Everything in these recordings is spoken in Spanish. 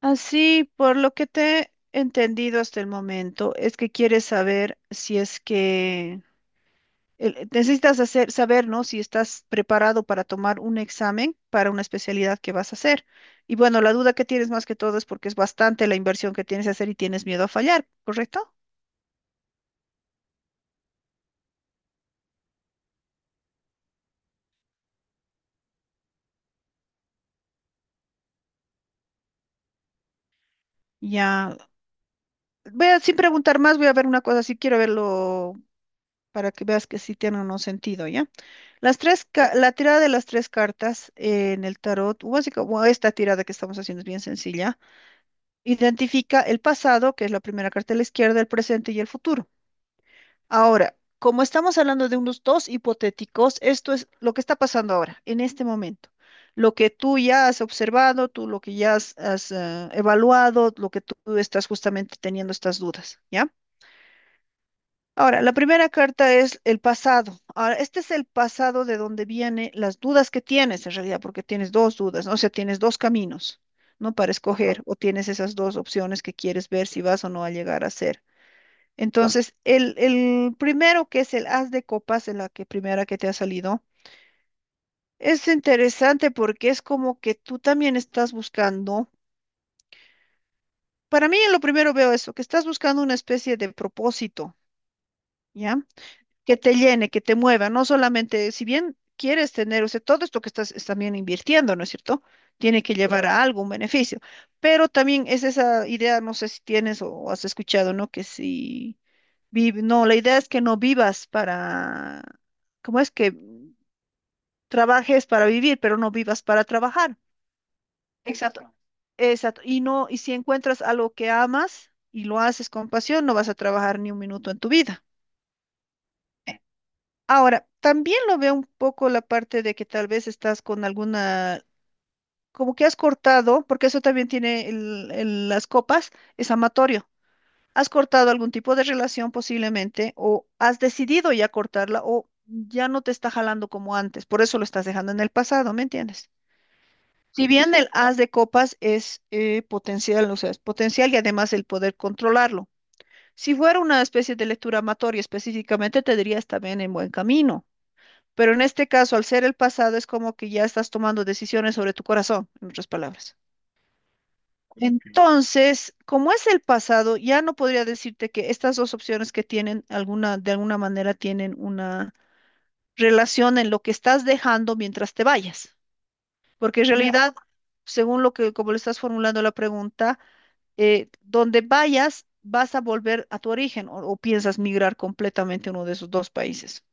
Así, por lo que te he entendido hasta el momento, es que quieres saber si es que necesitas hacer, saber, ¿no? Si estás preparado para tomar un examen para una especialidad que vas a hacer. Y bueno, la duda que tienes más que todo es porque es bastante la inversión que tienes que hacer y tienes miedo a fallar, ¿correcto? Ya, voy a, sin preguntar más, voy a ver una cosa, si quiero verlo para que veas que sí tiene o no sentido, ¿ya? La tirada de las tres cartas en el tarot, o así como esta tirada que estamos haciendo es bien sencilla, identifica el pasado, que es la primera carta de la izquierda, el presente y el futuro. Ahora, como estamos hablando de unos dos hipotéticos, esto es lo que está pasando ahora, en este momento. Lo que tú ya has observado, tú lo que ya has evaluado, lo que tú estás justamente teniendo estas dudas, ¿ya? Ahora, la primera carta es el pasado. Ahora, este es el pasado de donde vienen las dudas que tienes en realidad, porque tienes dos dudas, ¿no? O sea, tienes dos caminos, ¿no? Para escoger, o tienes esas dos opciones que quieres ver si vas o no a llegar a ser. Entonces, el primero que es el as de copas, es la que primera que te ha salido, es interesante porque es como que tú también estás buscando, para mí en lo primero veo eso, que estás buscando una especie de propósito, ¿ya? Que te llene, que te mueva, no solamente, si bien quieres tener, o sea, todo esto que estás es también invirtiendo, ¿no es cierto? Tiene que llevar a algo, un beneficio, pero también es esa idea, no sé si tienes o has escuchado, ¿no? Que si vive, no, la idea es que no vivas para, ¿cómo es que trabajes para vivir, pero no vivas para trabajar? Exacto. Exacto. Y no, y si encuentras algo que amas y lo haces con pasión, no vas a trabajar ni un minuto en tu vida. Ahora, también lo veo un poco la parte de que tal vez estás con alguna, como que has cortado, porque eso también tiene las copas, es amatorio. Has cortado algún tipo de relación posiblemente, o has decidido ya cortarla, o ya no te está jalando como antes, por eso lo estás dejando en el pasado, ¿me entiendes? Si bien el as de copas es potencial, o sea, es potencial y además el poder controlarlo. Si fuera una especie de lectura amatoria específicamente, te dirías también en buen camino. Pero en este caso, al ser el pasado, es como que ya estás tomando decisiones sobre tu corazón, en otras palabras. Entonces, como es el pasado, ya no podría decirte que estas dos opciones que tienen alguna, de alguna manera tienen una relación en lo que estás dejando mientras te vayas. Porque en, ya, realidad, según lo que, como le estás formulando la pregunta, donde vayas, vas a volver a tu origen o piensas migrar completamente a uno de esos dos países.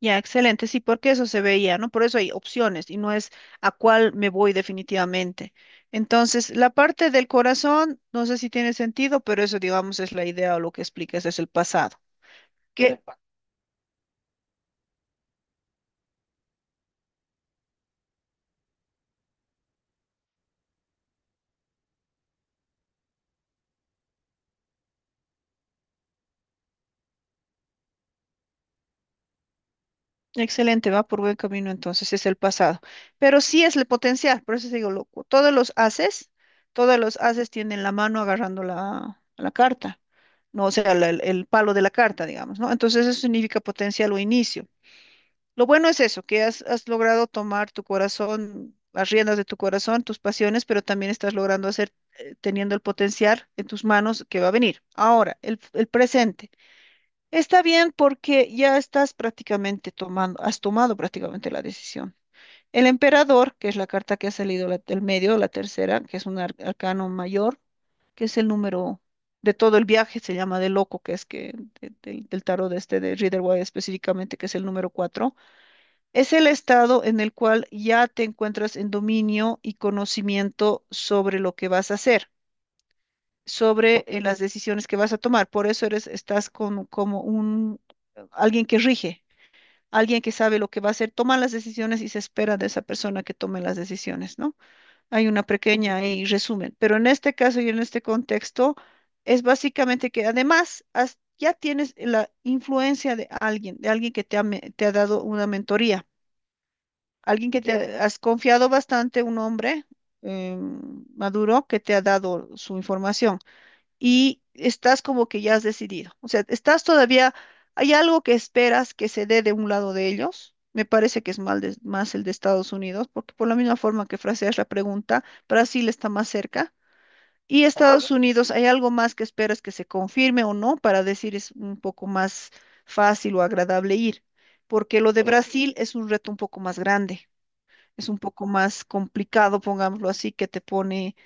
Ya, excelente, sí, porque eso se veía, ¿no? Por eso hay opciones y no es a cuál me voy definitivamente. Entonces, la parte del corazón, no sé si tiene sentido, pero eso, digamos, es la idea o lo que explicas, es el pasado. Que, Excelente, va por buen camino entonces, es el pasado. Pero sí es el potencial, por eso te digo, loco, todos los haces tienen la mano agarrando la carta, ¿no? O sea, el palo de la carta, digamos, ¿no? Entonces, eso significa potencial o inicio. Lo bueno es eso, que has logrado tomar tu corazón, las riendas de tu corazón, tus pasiones, pero también estás logrando hacer, teniendo el potencial en tus manos que va a venir. Ahora, el presente. Está bien porque ya estás prácticamente tomando, has tomado prácticamente la decisión. El emperador, que es la carta que ha salido del medio, la tercera, que es un arcano mayor, que es el número de todo el viaje, se llama de loco, que es que del tarot de este de Rider Waite específicamente, que es el número cuatro. Es el estado en el cual ya te encuentras en dominio y conocimiento sobre lo que vas a hacer, sobre las decisiones que vas a tomar. Por eso eres, estás como un alguien que rige, alguien que sabe lo que va a hacer, toma las decisiones y se espera de esa persona que tome las decisiones, ¿no? Hay una pequeña ahí resumen, pero en este caso y en este contexto es básicamente que además ya tienes la influencia de alguien que te ha te ha dado una mentoría. Alguien que te has confiado bastante, un hombre eh, maduro que te ha dado su información y estás como que ya has decidido. O sea, estás todavía, hay algo que esperas que se dé de un lado de ellos. Me parece que es más el de Estados Unidos, porque por la misma forma que fraseas la pregunta, Brasil está más cerca. Y Estados Unidos, ¿hay algo más que esperas que se confirme o no para decir es un poco más fácil o agradable ir? Porque lo de Brasil es un reto un poco más grande, es un poco más complicado, pongámoslo así, que te pone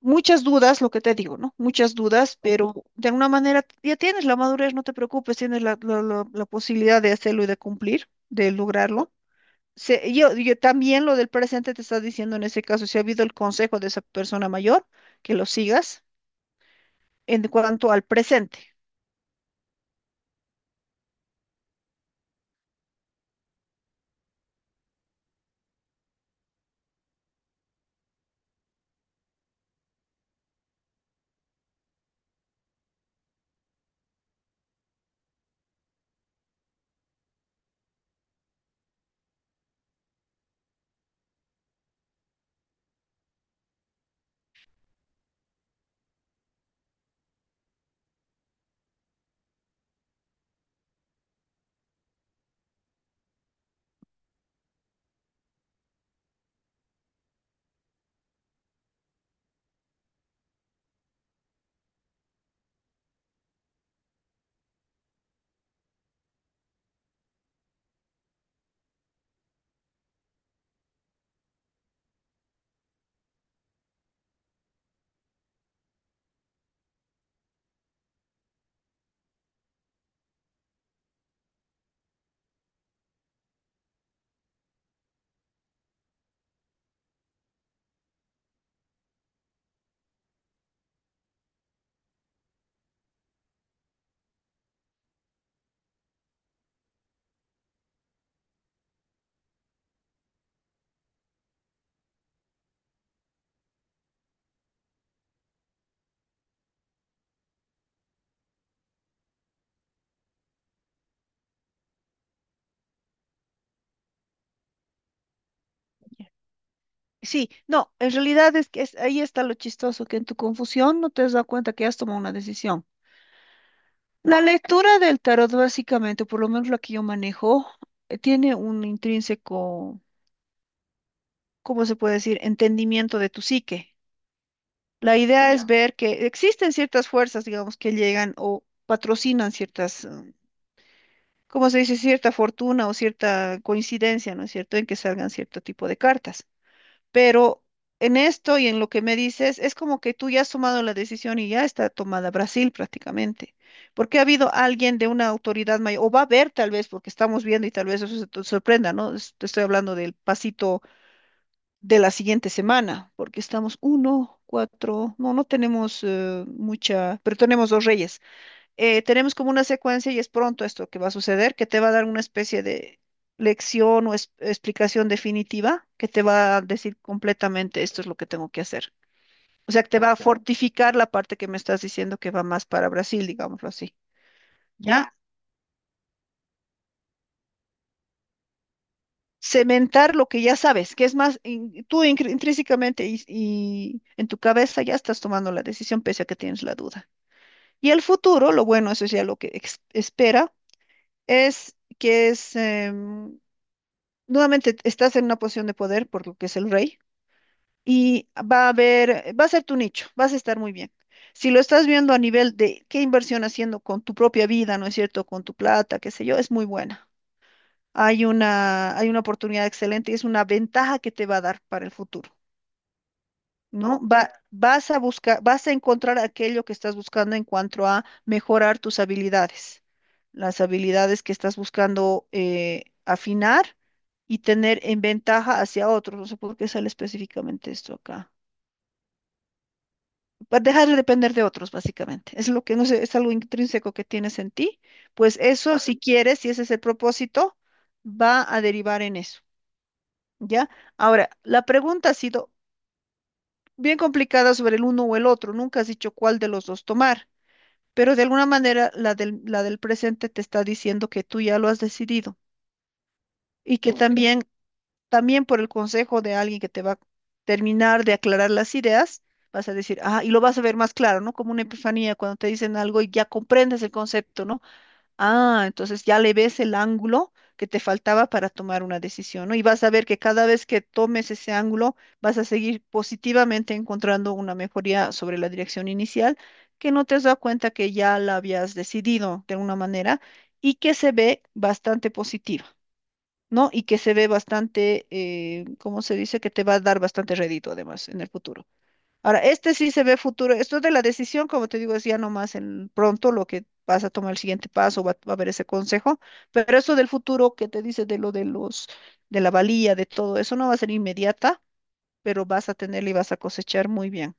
muchas dudas, lo que te digo, ¿no? Muchas dudas, pero de alguna manera ya tienes la madurez, no te preocupes, tienes la posibilidad de hacerlo y de cumplir, de lograrlo. Yo también lo del presente te está diciendo en ese caso, si ha habido el consejo de esa persona mayor, que lo sigas en cuanto al presente. Sí, no, en realidad es que ahí está lo chistoso, que en tu confusión no te has dado cuenta que has tomado una decisión. La lectura del tarot, básicamente, por lo menos la que yo manejo, tiene un intrínseco, ¿cómo se puede decir?, entendimiento de tu psique. La idea es, ya, ver que existen ciertas fuerzas, digamos, que llegan o patrocinan ciertas, ¿cómo se dice?, cierta fortuna o cierta coincidencia, ¿no es cierto?, en que salgan cierto tipo de cartas. Pero en esto y en lo que me dices, es como que tú ya has tomado la decisión y ya está tomada Brasil prácticamente. Porque ha habido alguien de una autoridad mayor, o va a haber tal vez, porque estamos viendo y tal vez eso se te sorprenda, ¿no? Te estoy hablando del pasito de la siguiente semana, porque estamos uno, cuatro, no, no tenemos mucha, pero tenemos dos reyes, tenemos como una secuencia y es pronto esto que va a suceder, que te va a dar una especie de lección o explicación definitiva que te va a decir completamente esto es lo que tengo que hacer. O sea, que te va a, ok, fortificar la parte que me estás diciendo que va más para Brasil, digámoslo así. Ya, cementar lo que ya sabes, que es más, tú intrínsecamente y en tu cabeza ya estás tomando la decisión pese a que tienes la duda. Y el futuro, lo bueno, eso es ya lo que espera, es que es nuevamente estás en una posición de poder, por lo que es el rey, y va a haber, va a ser tu nicho, vas a estar muy bien. Si lo estás viendo a nivel de qué inversión haciendo con tu propia vida, ¿no es cierto? Con tu plata, qué sé yo, es muy buena. Hay una oportunidad excelente y es una ventaja que te va a dar para el futuro. ¿No? Vas a buscar, vas a encontrar aquello que estás buscando en cuanto a mejorar tus habilidades, las habilidades que estás buscando afinar y tener en ventaja hacia otros. No sé por qué sale específicamente esto acá. Para dejar de depender de otros, básicamente. Es lo que no sé, es algo intrínseco que tienes en ti. Pues eso, si quieres, si ese es el propósito, va a derivar en eso. ¿Ya? Ahora, la pregunta ha sido, bien complicada sobre el uno o el otro, nunca has dicho cuál de los dos tomar, pero de alguna manera la del presente te está diciendo que tú ya lo has decidido y que, ok, también, también por el consejo de alguien que te va a terminar de aclarar las ideas, vas a decir, ah, y lo vas a ver más claro, ¿no? Como una epifanía cuando te dicen algo y ya comprendes el concepto, ¿no? Ah, entonces ya le ves el ángulo que te faltaba para tomar una decisión, ¿no? Y vas a ver que cada vez que tomes ese ángulo, vas a seguir positivamente encontrando una mejoría sobre la dirección inicial, que no te has dado cuenta que ya la habías decidido de alguna manera y que se ve bastante positiva, ¿no? Y que se ve bastante, ¿cómo se dice? Que te va a dar bastante rédito además en el futuro. Ahora, este sí se ve futuro. Esto de la decisión, como te digo, es ya nomás en pronto lo que vas a tomar el siguiente paso, va a haber ese consejo, pero eso del futuro que te dice de lo de los, de la valía, de todo, eso no va a ser inmediata, pero vas a tenerla y vas a cosechar muy bien.